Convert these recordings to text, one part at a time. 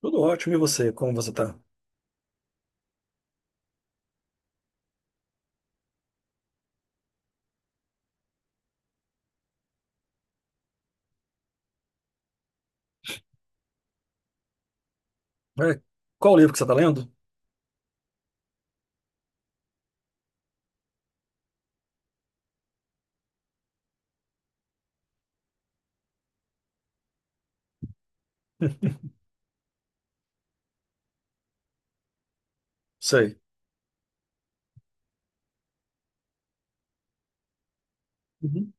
Tudo ótimo. E você? Como você tá? É, Qual o livro que você tá lendo? Sei. Uhum.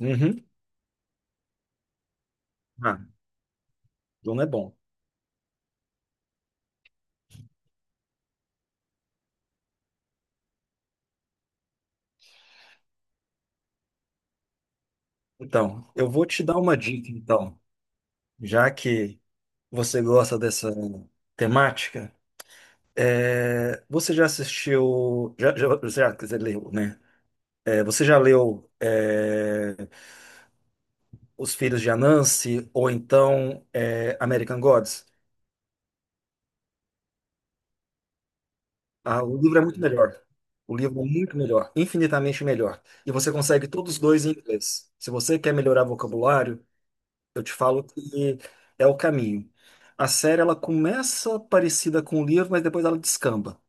Uhum. Ah, Duna é bom. Então, eu vou te dar uma dica, então. Já que você gosta dessa temática, você já assistiu, já, quer dizer, leu, né? Você já leu Os Filhos de Anansi ou então American Gods? Ah, o livro é muito melhor. O livro é muito melhor, infinitamente melhor. E você consegue todos os dois em inglês. Se você quer melhorar vocabulário, eu te falo que é o caminho. A série ela começa parecida com o livro, mas depois ela descamba.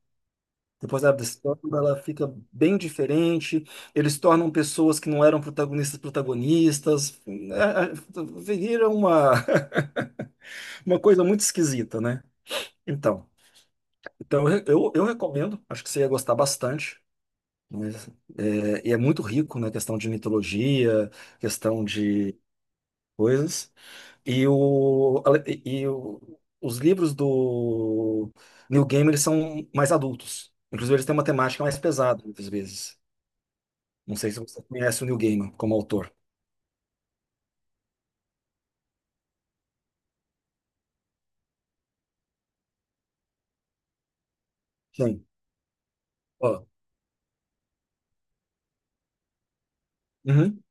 Depois ela descamba, ela fica bem diferente. Eles tornam pessoas que não eram protagonistas protagonistas. Vira uma, uma coisa muito esquisita, né? Então, eu recomendo. Acho que você ia gostar bastante. E é muito rico na questão de mitologia, questão de coisas. E, o, e o- os livros do Neil Gaiman eles são mais adultos. Inclusive, eles têm uma temática mais pesada, muitas vezes. Não sei se você conhece o Neil Gaiman como autor. Sim. Ó. Uhum,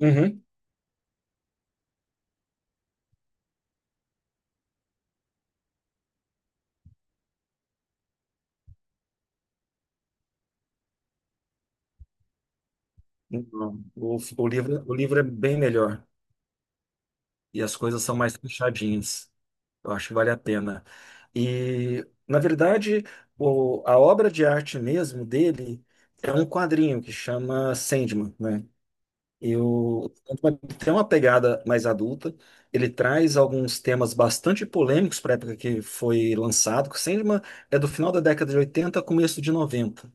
uhum. Então, o livro é bem melhor, e as coisas são mais fechadinhas. Eu acho que vale a pena. E, na verdade, a obra de arte mesmo dele é um quadrinho que chama Sandman, né? Eu, tem uma pegada mais adulta, ele traz alguns temas bastante polêmicos para a época que foi lançado, que o Sandman é do final da década de 80, começo de 90,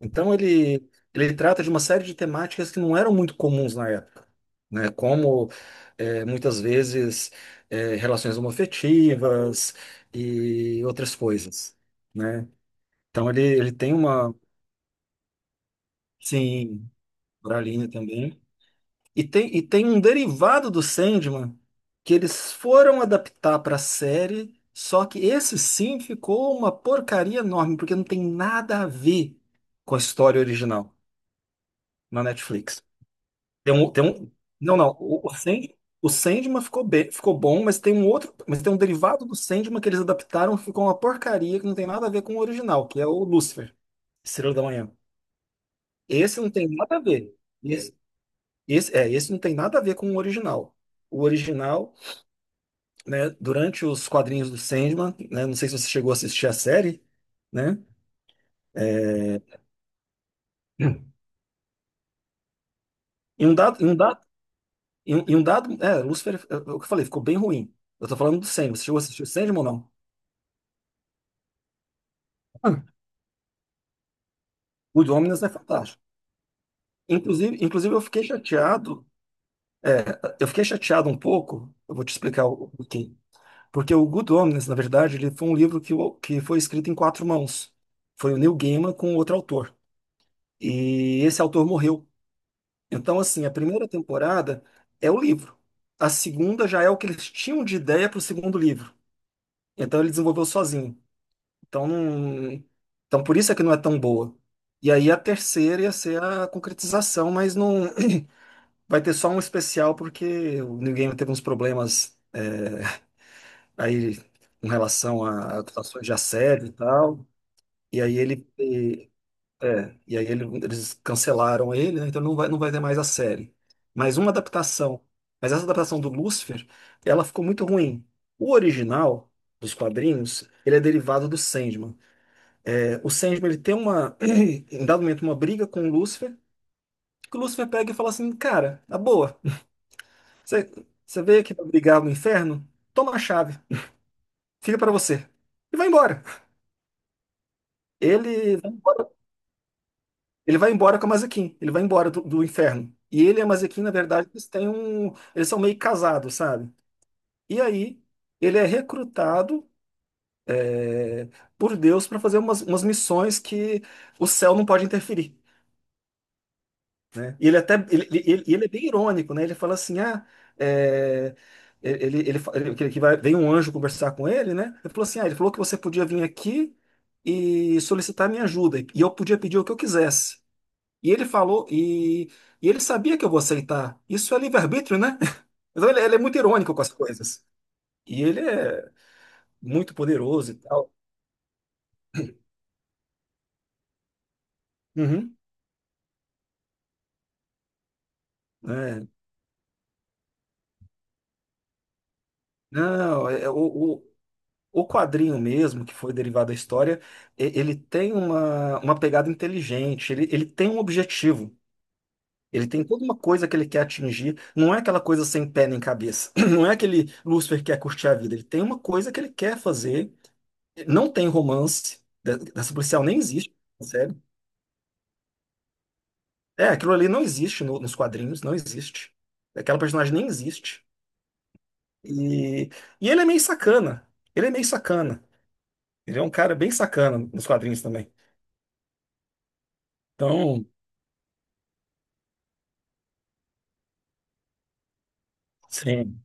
então ele trata de uma série de temáticas que não eram muito comuns na época, né? Como muitas vezes relações homoafetivas e outras coisas, né? Então ele tem uma, sim, Bralinha também. E tem um derivado do Sandman que eles foram adaptar para a série, só que esse sim ficou uma porcaria enorme, porque não tem nada a ver com a história original na Netflix. Tem um, tem um, não, não. O Sandman ficou bom, mas tem um outro. Mas tem um derivado do Sandman que eles adaptaram que ficou uma porcaria que não tem nada a ver com o original, que é o Lucifer, Estrela da Manhã. Esse não tem nada a ver. Esse, esse não tem nada a ver com o original. O original, né, durante os quadrinhos do Sandman, né, não sei se você chegou a assistir a série, né? Em um dado, em um dado, em um dado, Lucifer, é o que eu falei, ficou bem ruim. Eu tô falando do Sandman. Você chegou a assistir o Sandman ou não? Ah. O Dominus é fantástico. Inclusive, eu fiquei é, chateado um pouco, eu vou te explicar o porquê. Porque o Good Omens, na verdade, ele foi um livro que foi escrito em quatro mãos. Foi o Neil Gaiman com outro autor. E esse autor morreu. Então, assim, a primeira temporada é o livro. A segunda já é o que eles tinham de ideia para o segundo livro. Então ele desenvolveu sozinho. Então, não. Então por isso é que não é tão boa. E aí a terceira ia ser a concretização, mas não. Vai ter só um especial porque o New Game teve uns problemas, aí com relação a acusações de assédio e tal. E aí ele e, e aí eles cancelaram ele, né? Então não vai ter mais a série. Mas uma adaptação. Mas essa adaptação do Lucifer, ela ficou muito ruim. O original dos quadrinhos, ele é derivado do Sandman. É, o Sandman ele tem uma, em dado momento, uma briga com o Lucifer, que o Lucifer pega e fala assim, cara, na boa. Você, você veio aqui pra brigar no inferno? Toma a chave, fica para você. E vai embora. Ele vai embora, ele vai embora com a Mazekin, ele vai embora do inferno. E ele e a Mazekin, na verdade, eles têm um. Eles são meio casados, sabe? E aí, ele é recrutado, é, por Deus para fazer umas missões que o céu não pode interferir, né? E ele até ele é bem irônico, né? Ele fala assim, é, vem um anjo conversar com ele, né? Ele falou assim, ah, ele falou que você podia vir aqui e solicitar minha ajuda e eu podia pedir o que eu quisesse. E ele falou e ele sabia que eu vou aceitar. Isso é livre-arbítrio, né? Então ele é muito irônico com as coisas. E ele é muito poderoso e tal. Uhum. É. Não, o- O quadrinho mesmo, que foi derivado da história, ele tem uma, pegada inteligente, ele tem um objetivo, ele tem toda uma coisa que ele quer atingir, não é aquela coisa sem pé nem cabeça, não é aquele Lúcifer que quer curtir a vida, ele tem uma coisa que ele quer fazer, não tem romance, dessa policial nem existe, sério. É, aquilo ali não existe nos quadrinhos, não existe. Aquela personagem nem existe. E, e ele é meio sacana, ele é meio sacana, ele é um cara bem sacana nos quadrinhos também. Então, sim.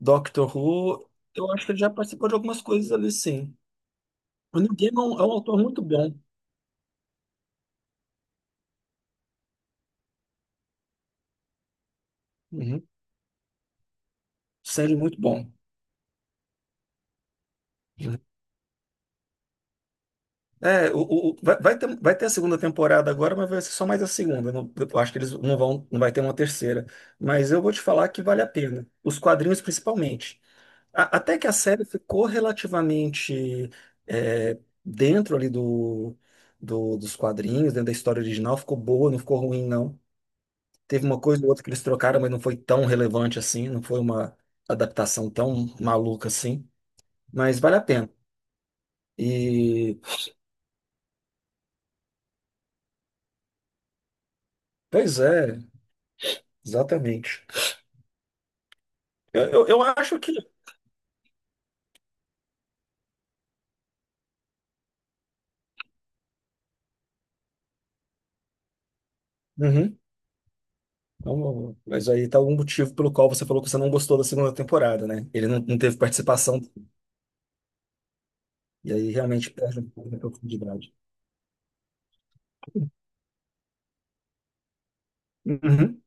Doctor Who, eu acho que ele já participou de algumas coisas ali, sim. O Neil Gaiman é um autor muito bom. Uhum. Sério, muito bom. Uhum. Vai ter a segunda temporada agora, mas vai ser só mais a segunda. Eu acho que eles não vão, não vai ter uma terceira. Mas eu vou te falar que vale a pena. Os quadrinhos, principalmente. Até que a série ficou relativamente, é, dentro ali dos quadrinhos, dentro da história original. Ficou boa, não ficou ruim, não. Teve uma coisa ou outra que eles trocaram, mas não foi tão relevante assim, não foi uma adaptação tão maluca assim, mas vale a pena. E, pois é, exatamente. Eu acho que. Uhum. Então, mas aí tá algum motivo pelo qual você falou que você não gostou da segunda temporada, né? Ele não teve participação, e aí realmente perde um pouco da profundidade. Uhum.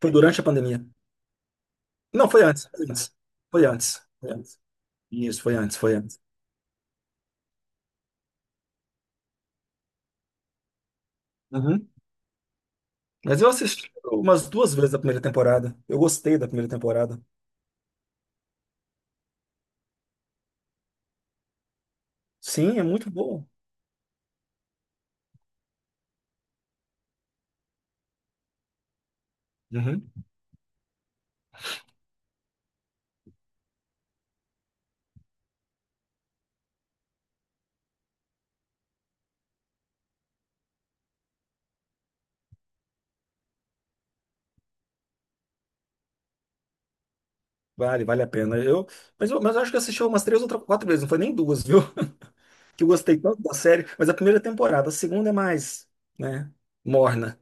Foi durante a pandemia. Não, foi antes, foi antes. Foi antes. Foi antes. Isso, foi antes, foi antes. Uhum. Mas eu assisti umas duas vezes a primeira temporada. Eu gostei da primeira temporada. Sim, é muito bom. Uhum. Vale a pena. Mas eu acho que eu assisti umas três ou quatro vezes, não foi nem duas, viu? Que eu gostei tanto da série. Mas a primeira temporada, a segunda é mais, né, morna.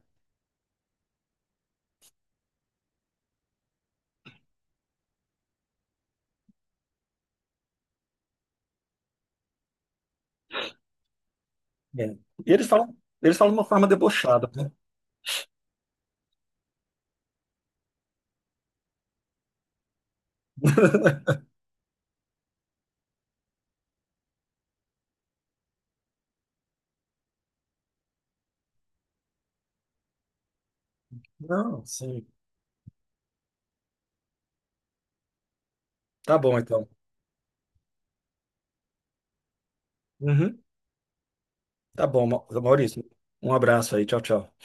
É. E eles falam de uma forma debochada. Não, sim. Tá bom, então. Uhum. Tá bom, Maurício. Um abraço aí. Tchau, tchau.